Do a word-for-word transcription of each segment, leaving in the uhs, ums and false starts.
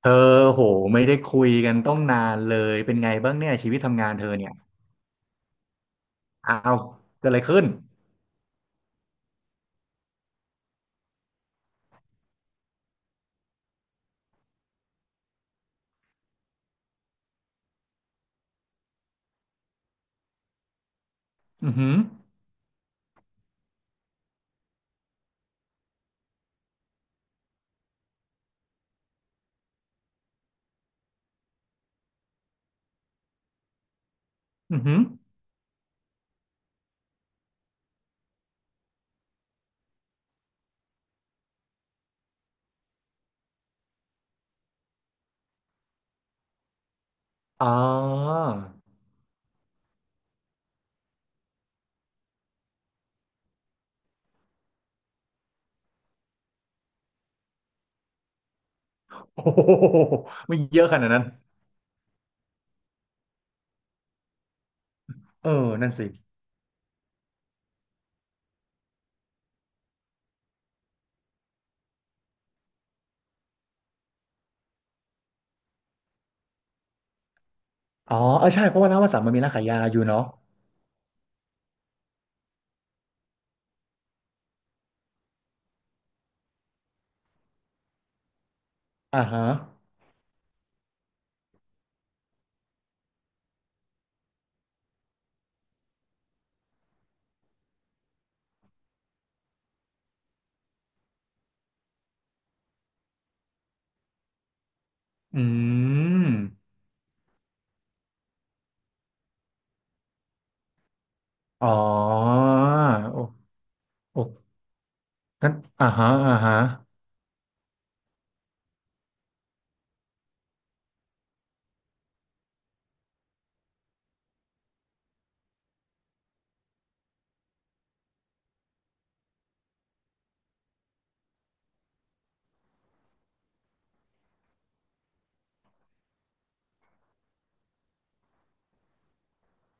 เธอโหไม่ได้คุยกันต้องนานเลยเป็นไงบ้างเนี่ยชีวิตทำงานเธอเนี่ยอ้าวเกิดอะไรขึ้นอือหืออือหืออ๋อ โอ้โหไม่เยอะขนาดนั้นเออนั่นสิอ๋อเออใช่เพราะว่าร้านวสันต์มันมีร้านขายยาอยู่เนาะอ่าฮะอืมอ๋อโอ้โอ้นั่นอ่าฮะอ่าฮะ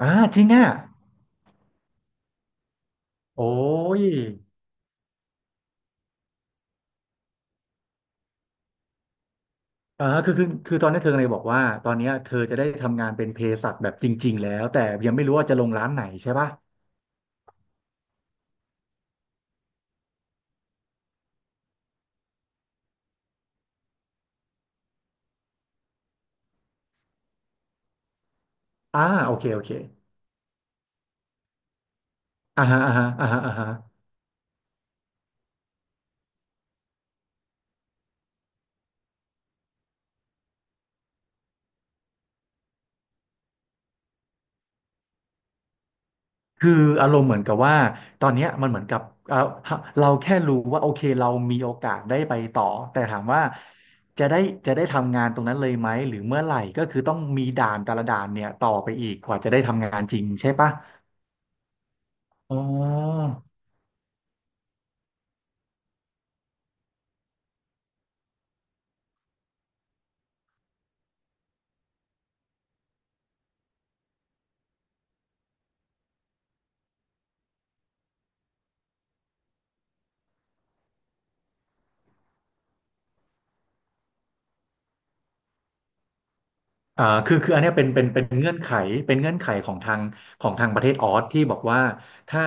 อ่าจริงอ่ะโอ้ย อ่าคือคือคือตอนนี้เธอเลยบอกว่าตอนเนี้ยเธอจะได้ทำงานเป็นเภสัชแบบจริงๆแล้วแต่ยังไม่รู้ว่าจะลงร้านไหนใช่ปะอ่าโอเคโอเคอ่าฮะอ่าฮะอ่าฮะอ่าฮะคืออารมณ์เหมือนกับว่าตอนเนี้ยมันเหมือนกับเอ่าเราแค่รู้ว่าโอเคเรามีโอกาสได้ไปต่อแต่ถามว่าจะได้จะได้ทำงานตรงนั้นเลยไหมหรือเมื่อไหร่ก็คือต้องมีด่านแต่ละด่านเนี่ยต่อไปอีกกว่าจะได้ทำงานจริงใช่ปะอ๋อ อ่าคือคืออันเนี้ยเป็นเป็นเป็นเงื่อนไขเป็นเงื่อนไขของทางของทางประเทศออสที่บอกว่าถ้า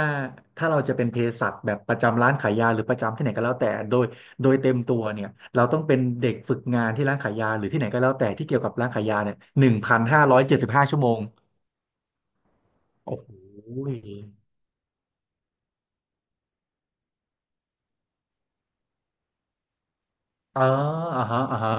ถ้าเราจะเป็นเภสัชแบบประจำร้านขายยาหรือประจำที่ไหนก็แล้วแต่โดยโดยเต็มตัวเนี่ยเราต้องเป็นเด็กฝึกงานที่ร้านขายยาหรือที่ไหนก็แล้วแต่ที่เกี่ยวกับร้านขายยาเนี่ยหนึ่งพันห้าร้อยเจ็ดสิบห้าชั่วโมงโอ้โหอ๋ออ่าฮะอ่าฮะ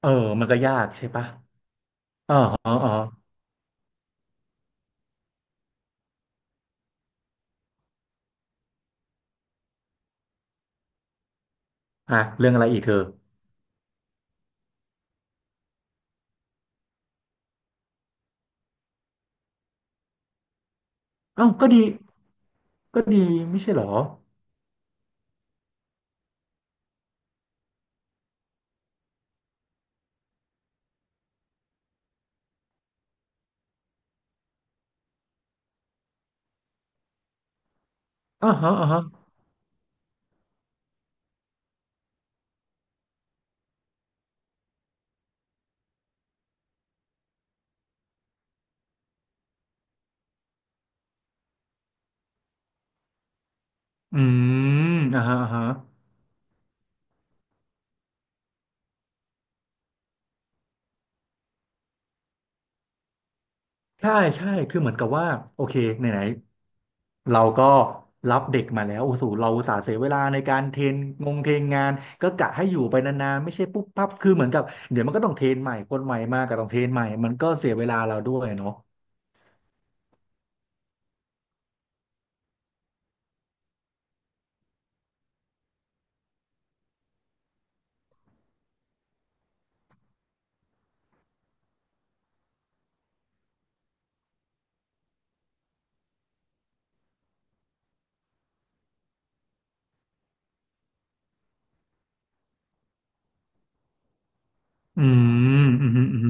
เออมันก็ยากใช่ปะอ๋ออ๋ออ๋ออ่ะเรื่องอะไรอีกเธอเอ้าก็ดีก็ดีไม่ใช่เหรออ่าฮะอ่าฮะ อืมอ่าฮะอ่าฮะใช่ใช่คือเหมือนกับว่าโอเคไหนๆเราก็รับเด็กมาแล้วโอ้โหเราอุตส่าห์เสียเวลาในการเทรนงงเทรนงานก็กะให้อยู่ไปนานๆไม่ใช่ปุ๊บปั๊บคือเหมือนกับเดี๋ยวมันก็ต้องเทรนใหม่คนใหม่มาก็ต้องเทรนใหม่มันก็เสียเวลาเราด้วยเนาะอืมอืมอืม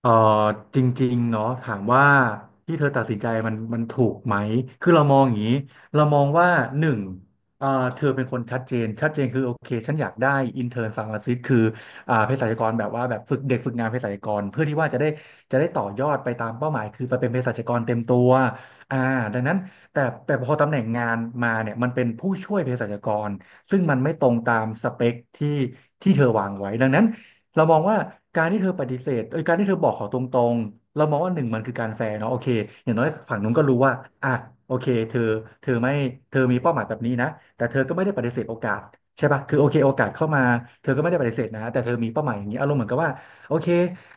เออจริงๆเนาะถามว่าที่เธอตัดสินใจมันมันถูกไหมคือเรามองอย่างนี้เรามองว่าหนึ่งเออเธอเป็นคนชัดเจนชัดเจนคือโอเคฉันอยากได้อินเท n ร์นฟาร์มาซิสคืออ่าเภสัชกรแบบว่าแบบฝึกเด็กฝึกงานเภสัชกรเพื่อที่ว่าจะได้จะได้ต่อยอดไปตามเป้าหมายคือไปเป็นเภสัชกรเต็มตัวอ่าดังนั้นแต่แต่พอตำแหน่งงานมาเนี่ยมันเป็นผู้ช่วยเภสัชกรซึ่งมันไม่ตรงตามสเปคที่ที่เธอวางไว้ดังนั้น เรามองว่าการที่เธอปฏิเสธเอ้ยการที่เธอบอกเขาตรงๆเรามองว่าหนึ่งมันคือการแฟร์เนาะโอเคอย่างน้อยฝั่งนู้นก็รู้ว่าอ่ะโอเคเธอเธอไม่เธอมีเป้าหมายแบบนี้นะแต่เธอก็ไม่ได้ปฏิเสธโอกาสใช่ปะคือโอเคโอกาสเข้ามาเธอก็ไม่ได้ปฏิเสธนะแต่เธอมีเป้าหมายอย่างนี้อารมณ์เหมือนกับว่าโอเค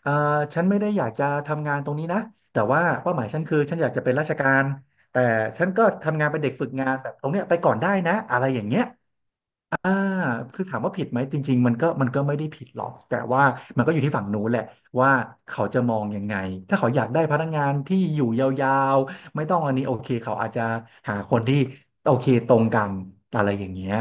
เอ่อฉันไม่ได้อยากจะทำงานตรงนี้นะแต่ว่าเป้าหมายฉันคือฉันอยากจะเป็นราชการแต่ฉันก็ทำงานเป็นเด็กฝึกงานแต่ตรงเนี้ยไปก่อนได้นะอะไรอย่างเงี้ย อ่าคือถามว่าผิดไหม จริงๆมันก็มันก็ไม่ได้ผิดหรอก แต่ว่ามันก็อยู่ที่ฝั่งนู้นแหละว่าเขาจะมองยังไง ถ้าเขาอยากได้พนักงานที่อยู่ยาวๆไม่ต้องอันนี้โอเคเขาอาจจะหาคนที่โอเคตรงกันอะไรอย่างเงี้ย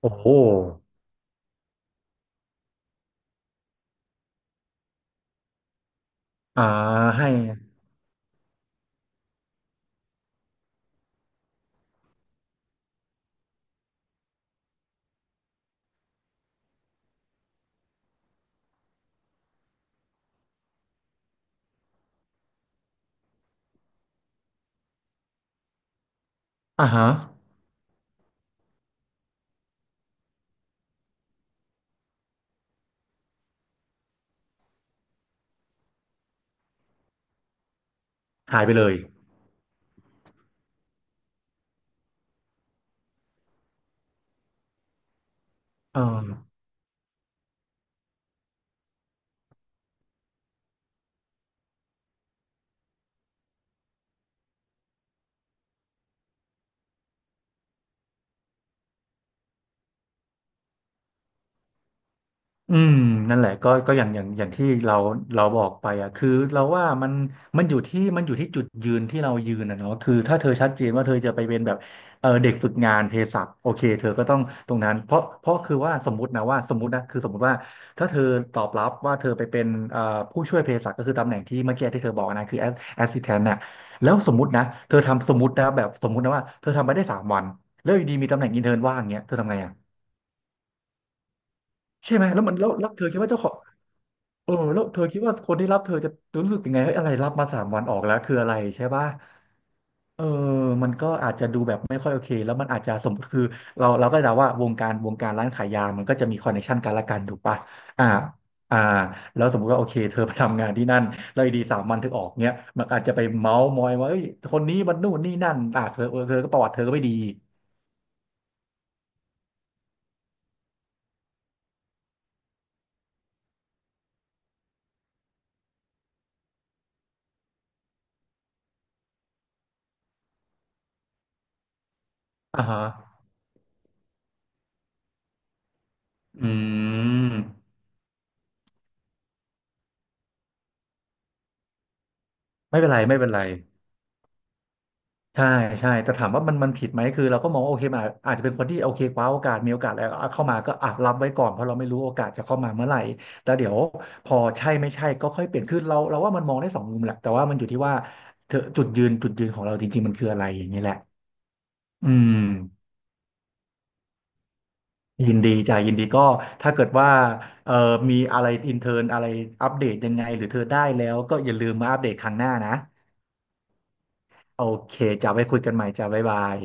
โอ้โหอ่าให้อ่าฮะหายไปเลยเออ อืมนั่นแหละก็ก็อย่างอย่างอย่างที่เราเราบอกไปอ่ะคือเราว่ามันมันอยู่ที่มันอยู่ที่จุดยืนที่เรายืนนะเนาะคือถ้าเธอชัดเจนว่าเธอจะไปเป็นแบบเออเด็กฝึกงานเภสัชโอเคเธอก็ต้องตรงนั้นเพราะเพราะคือว่าสมมตินะว่าสมมตินะคือสมมติว่าถ้าเธอตอบรับว่าเธอไปเป็นเอ่อผู้ช่วยเภสัชก็คือตำแหน่งที่เมื่อกี้ที่เธอบอกนะคือแอส เอส เอส ไอ เอส ที เอ เอ็น ที นต์น่ะแล้วสมมตินะเธอทำสมมตินะแบบสมมตินะว่าเธอทำไปได้สามวันแล้วอยู่ดีมีตำแหน่งอินเทิร์นว่างเงี้ยเธอทำไงอ่ะใช่ไหมแล้วมันแล้วแล้วเธอคิดว่าเจ้าของ เออแล้วเธอคิดว่าคนที่รับเธอจะรู้สึกยังไงเฮ้ยอะไรรับมาสามวันออกแล้วคืออะไรใช่ป่ะเออมันก็อาจจะดูแบบไม่ค่อยโอเคแล้วมันอาจจะสมมติคือเราเราก็เดาว่าวงการวงการร้านขายยามันก็จะมีคอนเนคชันกันละกันถูกป่ะอ่าอ่าแล้วสมมติว่าโอเคเธอไปทำงานที่นั่นแล้วอยู่ดีสามวันเธอออกเนี้ยมันอาจจะไปเมาส์มอยว่าเอ้ยคนนี้มันนู่นนี่นั่นอ่ะเธอเออเธอก็ประวัติเธอก็ไม่ดีอีกอ่าฮะอืมไม่เป็นไรไม่เป็นไร ใช่ใช่แต่ถามว่ามันมันผิดไหมคือเราก็มองว่าโอเคมันอาจอาจจะเป็นคนที่โอเคคว้าโอกาสมีโอกาสแล้วเอาเข้ามาก็อ่ะรับไว้ก่อนเพราะเราไม่รู้โอกาสจะเข้ามาเมื่อไหร่แต่เดี๋ยวพอใช่ไม่ใช่ก็ค่อยเปลี่ยนคือเราเราว่ามันมองได้สองมุมแหละแต่ว่ามันอยู่ที่ว่าเธอจุดยืนจุดยืนของเราจริงๆมันคืออะไรอย่างนี้แหละอืมยินดีจ้ะยินดีก็ถ้าเกิดว่าเอ่อมีอะไรอินเทอร์อะไรอัปเดตยังไงหรือเธอได้แล้วก็อย่าลืมมาอัปเดตครั้งหน้านะโอเคจะไว้คุยกันใหม่จ้ะบ๊ายบาย